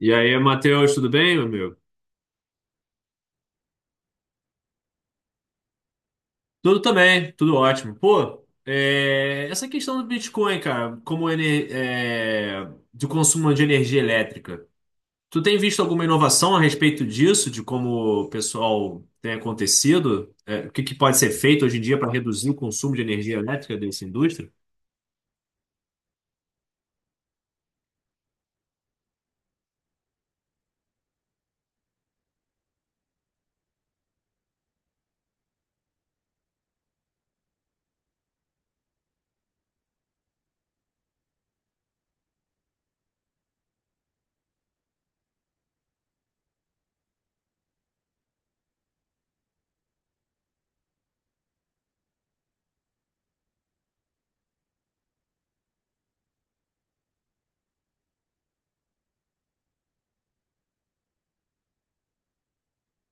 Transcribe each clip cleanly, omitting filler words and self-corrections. E aí, Matheus, tudo bem, meu amigo? Tudo também, tudo ótimo. Pô, essa questão do Bitcoin, cara, como do consumo de energia elétrica, tu tem visto alguma inovação a respeito disso, de como o pessoal tem acontecido? O que que pode ser feito hoje em dia para reduzir o consumo de energia elétrica dessa indústria?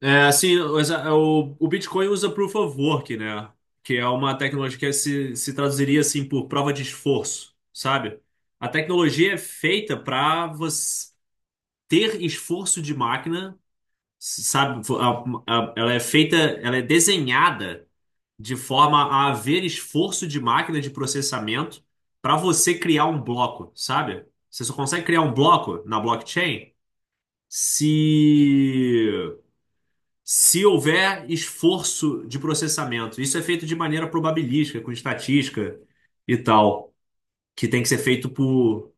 É, assim, o Bitcoin usa Proof of Work, né? Que é uma tecnologia que se traduziria assim por prova de esforço, sabe? A tecnologia é feita para você ter esforço de máquina, sabe? Ela é feita, ela é desenhada de forma a haver esforço de máquina de processamento para você criar um bloco, sabe? Você só consegue criar um bloco na blockchain se se houver esforço de processamento. Isso é feito de maneira probabilística, com estatística e tal, que tem que ser feito por.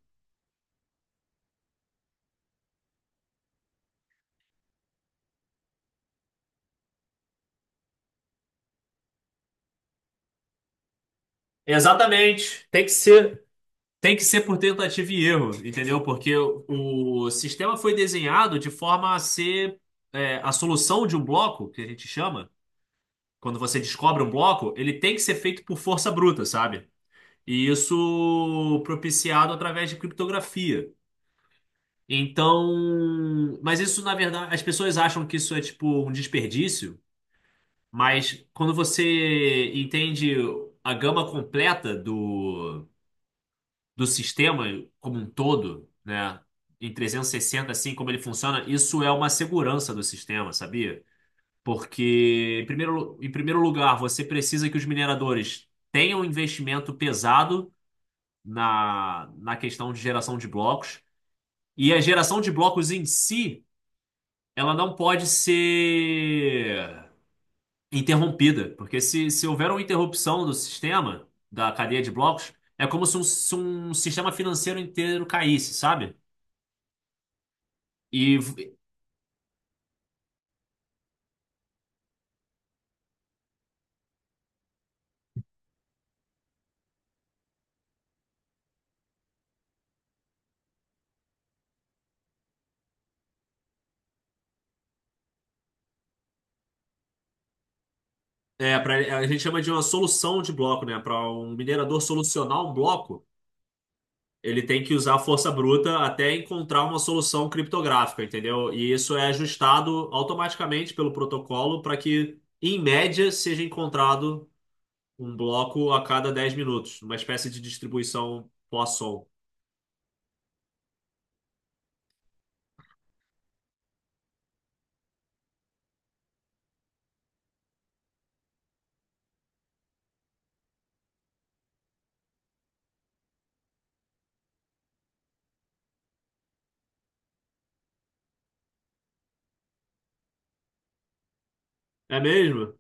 Exatamente. Tem que ser por tentativa e erro, entendeu? Porque o sistema foi desenhado de forma a ser a solução de um bloco, que a gente chama, quando você descobre um bloco, ele tem que ser feito por força bruta, sabe? E isso propiciado através de criptografia. Então, mas isso na verdade, as pessoas acham que isso é tipo um desperdício, mas quando você entende a gama completa do sistema como um todo, né, em 360 assim como ele funciona, isso é uma segurança do sistema, sabia? Porque em primeiro, Em primeiro lugar, você precisa que os mineradores tenham um investimento pesado na questão de geração de blocos, e a geração de blocos em si ela não pode ser interrompida, porque se houver uma interrupção do sistema, da cadeia de blocos, é como se se um sistema financeiro inteiro caísse, sabe? E é, pra, a gente chama de uma solução de bloco, né? Para um minerador solucionar um bloco, ele tem que usar a força bruta até encontrar uma solução criptográfica, entendeu? E isso é ajustado automaticamente pelo protocolo para que, em média, seja encontrado um bloco a cada 10 minutos, uma espécie de distribuição Poisson. É mesmo?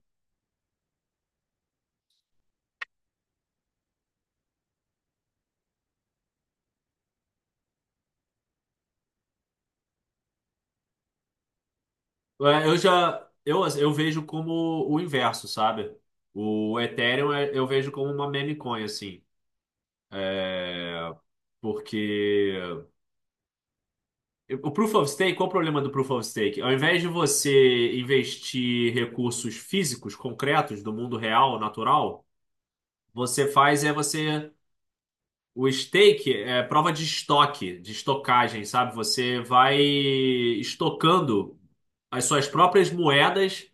É, eu já assim, eu vejo como o inverso, sabe? O Ethereum é- eu vejo como uma meme coin, assim. É, porque o Proof of Stake, qual o problema do Proof of Stake? Ao invés de você investir recursos físicos, concretos, do mundo real, natural, você faz é você. O stake é prova de estoque, de estocagem, sabe? Você vai estocando as suas próprias moedas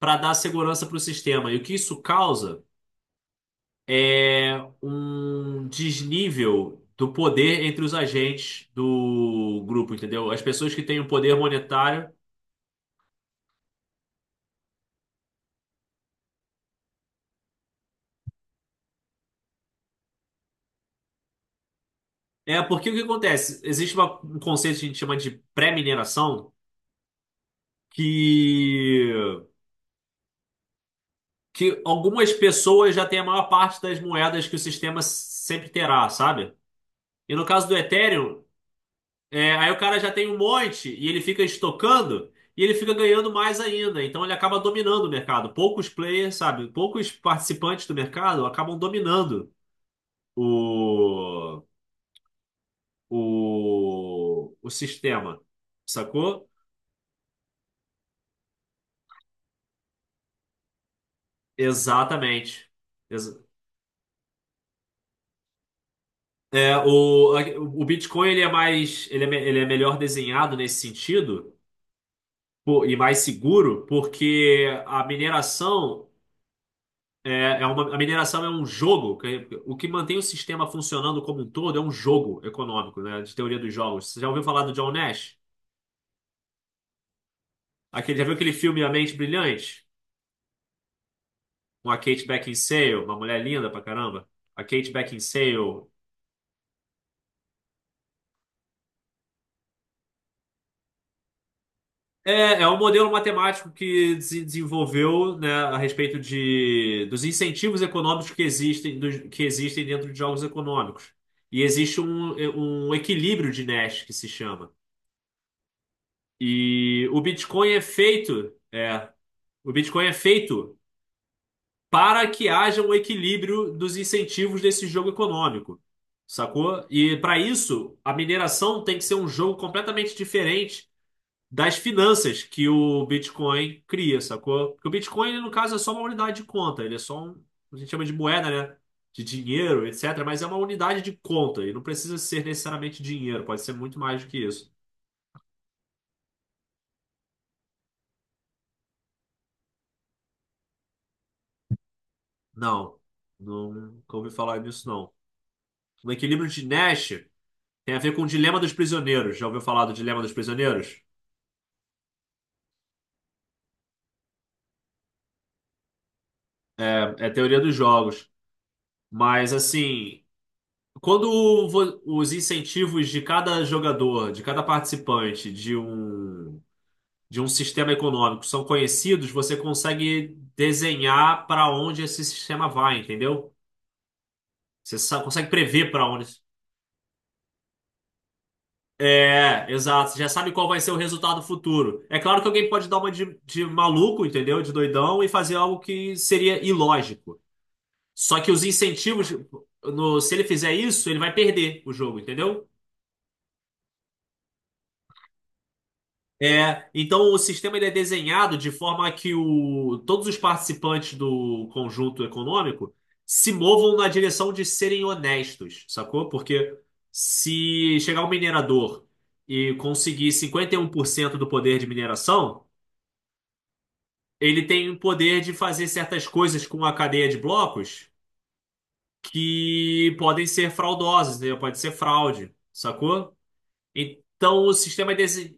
para dar segurança para o sistema. E o que isso causa é um desnível do poder entre os agentes do grupo, entendeu? As pessoas que têm o poder monetário. É porque o que acontece? Existe uma- um conceito que a gente chama de pré-mineração, que que algumas pessoas já têm a maior parte das moedas que o sistema sempre terá, sabe? E no caso do Ethereum, é, aí o cara já tem um monte e ele fica estocando e ele fica ganhando mais ainda. Então ele acaba dominando o mercado. Poucos players, sabe? Poucos participantes do mercado acabam dominando o, o sistema, sacou? Exatamente. Exa- é, o Bitcoin ele é mais ele ele é melhor desenhado nesse sentido. Pô, e mais seguro, porque a mineração é uma, a mineração é um jogo. Que- o que mantém o sistema funcionando como um todo é um jogo econômico, né? De teoria dos jogos. Você já ouviu falar do John Nash? Aquele, já viu aquele filme A Mente Brilhante? Com a Kate Beckinsale, uma mulher linda pra caramba. A Kate Beckinsale. É, é um modelo matemático que se desenvolveu, né, a respeito dos incentivos econômicos que existem, dos- que existem dentro de jogos econômicos. E existe um equilíbrio de Nash, que se chama. E o Bitcoin é feito, é, o Bitcoin é feito para que haja um equilíbrio dos incentivos desse jogo econômico, sacou? E para isso, a mineração tem que ser um jogo completamente diferente das finanças que o Bitcoin cria, sacou? Porque o Bitcoin, ele, no caso, é só uma unidade de conta, ele é só um, a gente chama de moeda, né? De dinheiro, etc. Mas é uma unidade de conta e não precisa ser necessariamente dinheiro, pode ser muito mais do que isso. Não, nunca ouvi falar nisso, não. No equilíbrio de Nash tem a ver com o dilema dos prisioneiros. Já ouviu falar do dilema dos prisioneiros? É, é teoria dos jogos. Mas, assim, quando vo- os incentivos de cada jogador, de cada participante de um sistema econômico são conhecidos, você consegue desenhar para onde esse sistema vai, entendeu? Você sa- consegue prever para onde. É, exato. Você já sabe qual vai ser o resultado futuro. É claro que alguém pode dar uma de maluco, entendeu? De doidão e fazer algo que seria ilógico. Só que os incentivos, no- se ele fizer isso, ele vai perder o jogo, entendeu? É, então o sistema ele é desenhado de forma que o, todos os participantes do conjunto econômico se movam na direção de serem honestos, sacou? Porque se chegar um minerador e conseguir 51% do poder de mineração, ele tem o poder de fazer certas coisas com a cadeia de blocos que podem ser fraudosas, né? Pode ser fraude, sacou? Então o sistema é desenhado.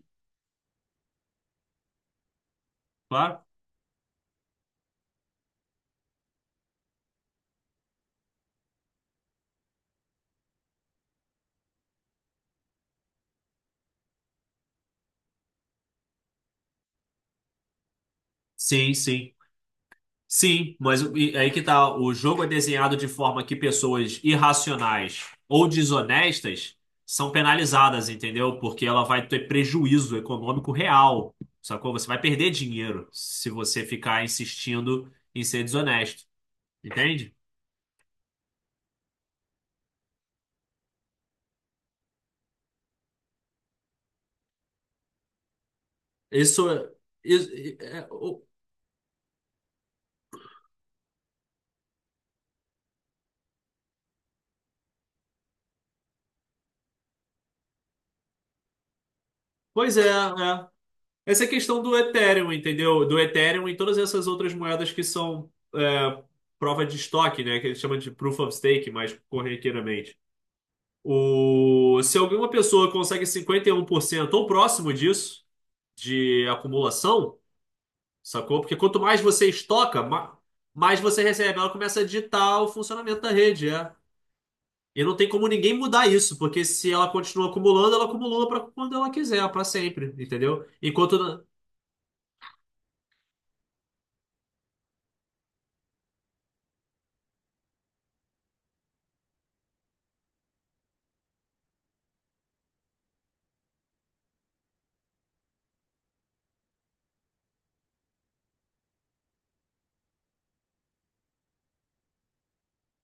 Claro. Sim, sim. Sim, mas o- e aí que tá. O jogo é desenhado de forma que pessoas irracionais ou desonestas são penalizadas, entendeu? Porque ela vai ter prejuízo econômico real, sacou? Você vai perder dinheiro se você ficar insistindo em ser desonesto, entende? Isso, isso- é- o- Pois é, é. Essa é a questão do Ethereum, entendeu? Do Ethereum e todas essas outras moedas que são é, prova de estoque, né? Que eles chamam de proof of stake mais corriqueiramente. O, se alguma pessoa consegue 51% ou próximo disso, de acumulação, sacou? Porque quanto mais você estoca, ma- mais você recebe. Ela começa a ditar o funcionamento da rede, é. E não tem como ninguém mudar isso, porque se ela continua acumulando, ela acumula para quando ela quiser, para sempre, entendeu? Enquanto.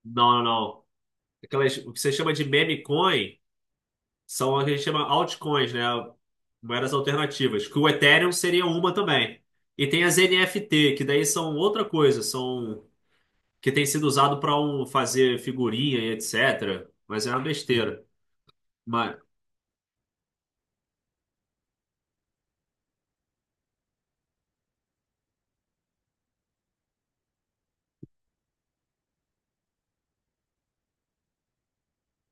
Não, não, não. Aquelas, o que você chama de meme coin são o que a gente chama altcoins, né? Moedas alternativas, que o Ethereum seria uma também. E tem as NFT, que daí são outra coisa, são que tem sido usado para um, fazer figurinha e etc. Mas é uma besteira. Mas,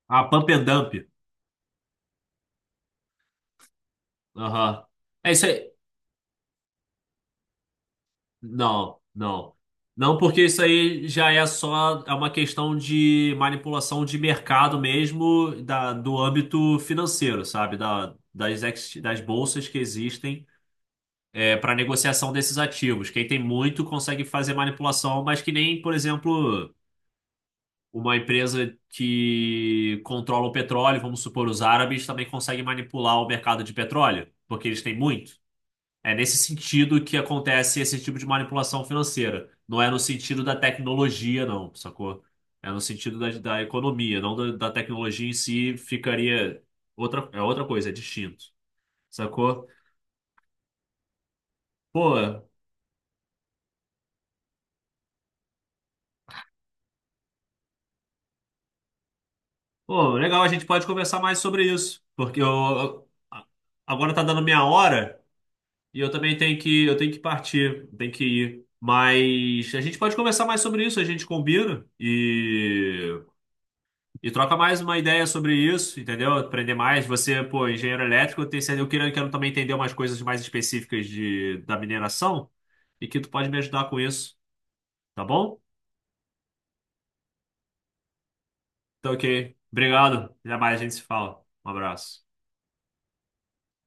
ah, pump and dump. Aham. É isso aí. Não, não. Não, porque isso aí já é só é uma questão de manipulação de mercado mesmo, do âmbito financeiro, sabe? Das bolsas que existem para negociação desses ativos. Quem tem muito consegue fazer manipulação, mas que nem, por exemplo, uma empresa que controla o petróleo, vamos supor, os árabes também conseguem manipular o mercado de petróleo, porque eles têm muito. É nesse sentido que acontece esse tipo de manipulação financeira. Não é no sentido da tecnologia, não, sacou? É no sentido da economia, não da tecnologia em si, ficaria outra, é outra coisa, é distinto, sacou? Pô, Pô, legal, a gente pode conversar mais sobre isso, porque eu- agora tá dando minha hora e eu também tenho que, eu tenho que partir, tenho que ir. Mas a gente pode conversar mais sobre isso, a gente combina e troca mais uma ideia sobre isso, entendeu? Aprender mais. Você, pô, engenheiro elétrico, eu tenho, certeza- eu quero também entender umas coisas mais específicas da mineração e que tu pode me ajudar com isso, tá bom? Então, ok. Obrigado. Até mais, a gente se fala. Um abraço.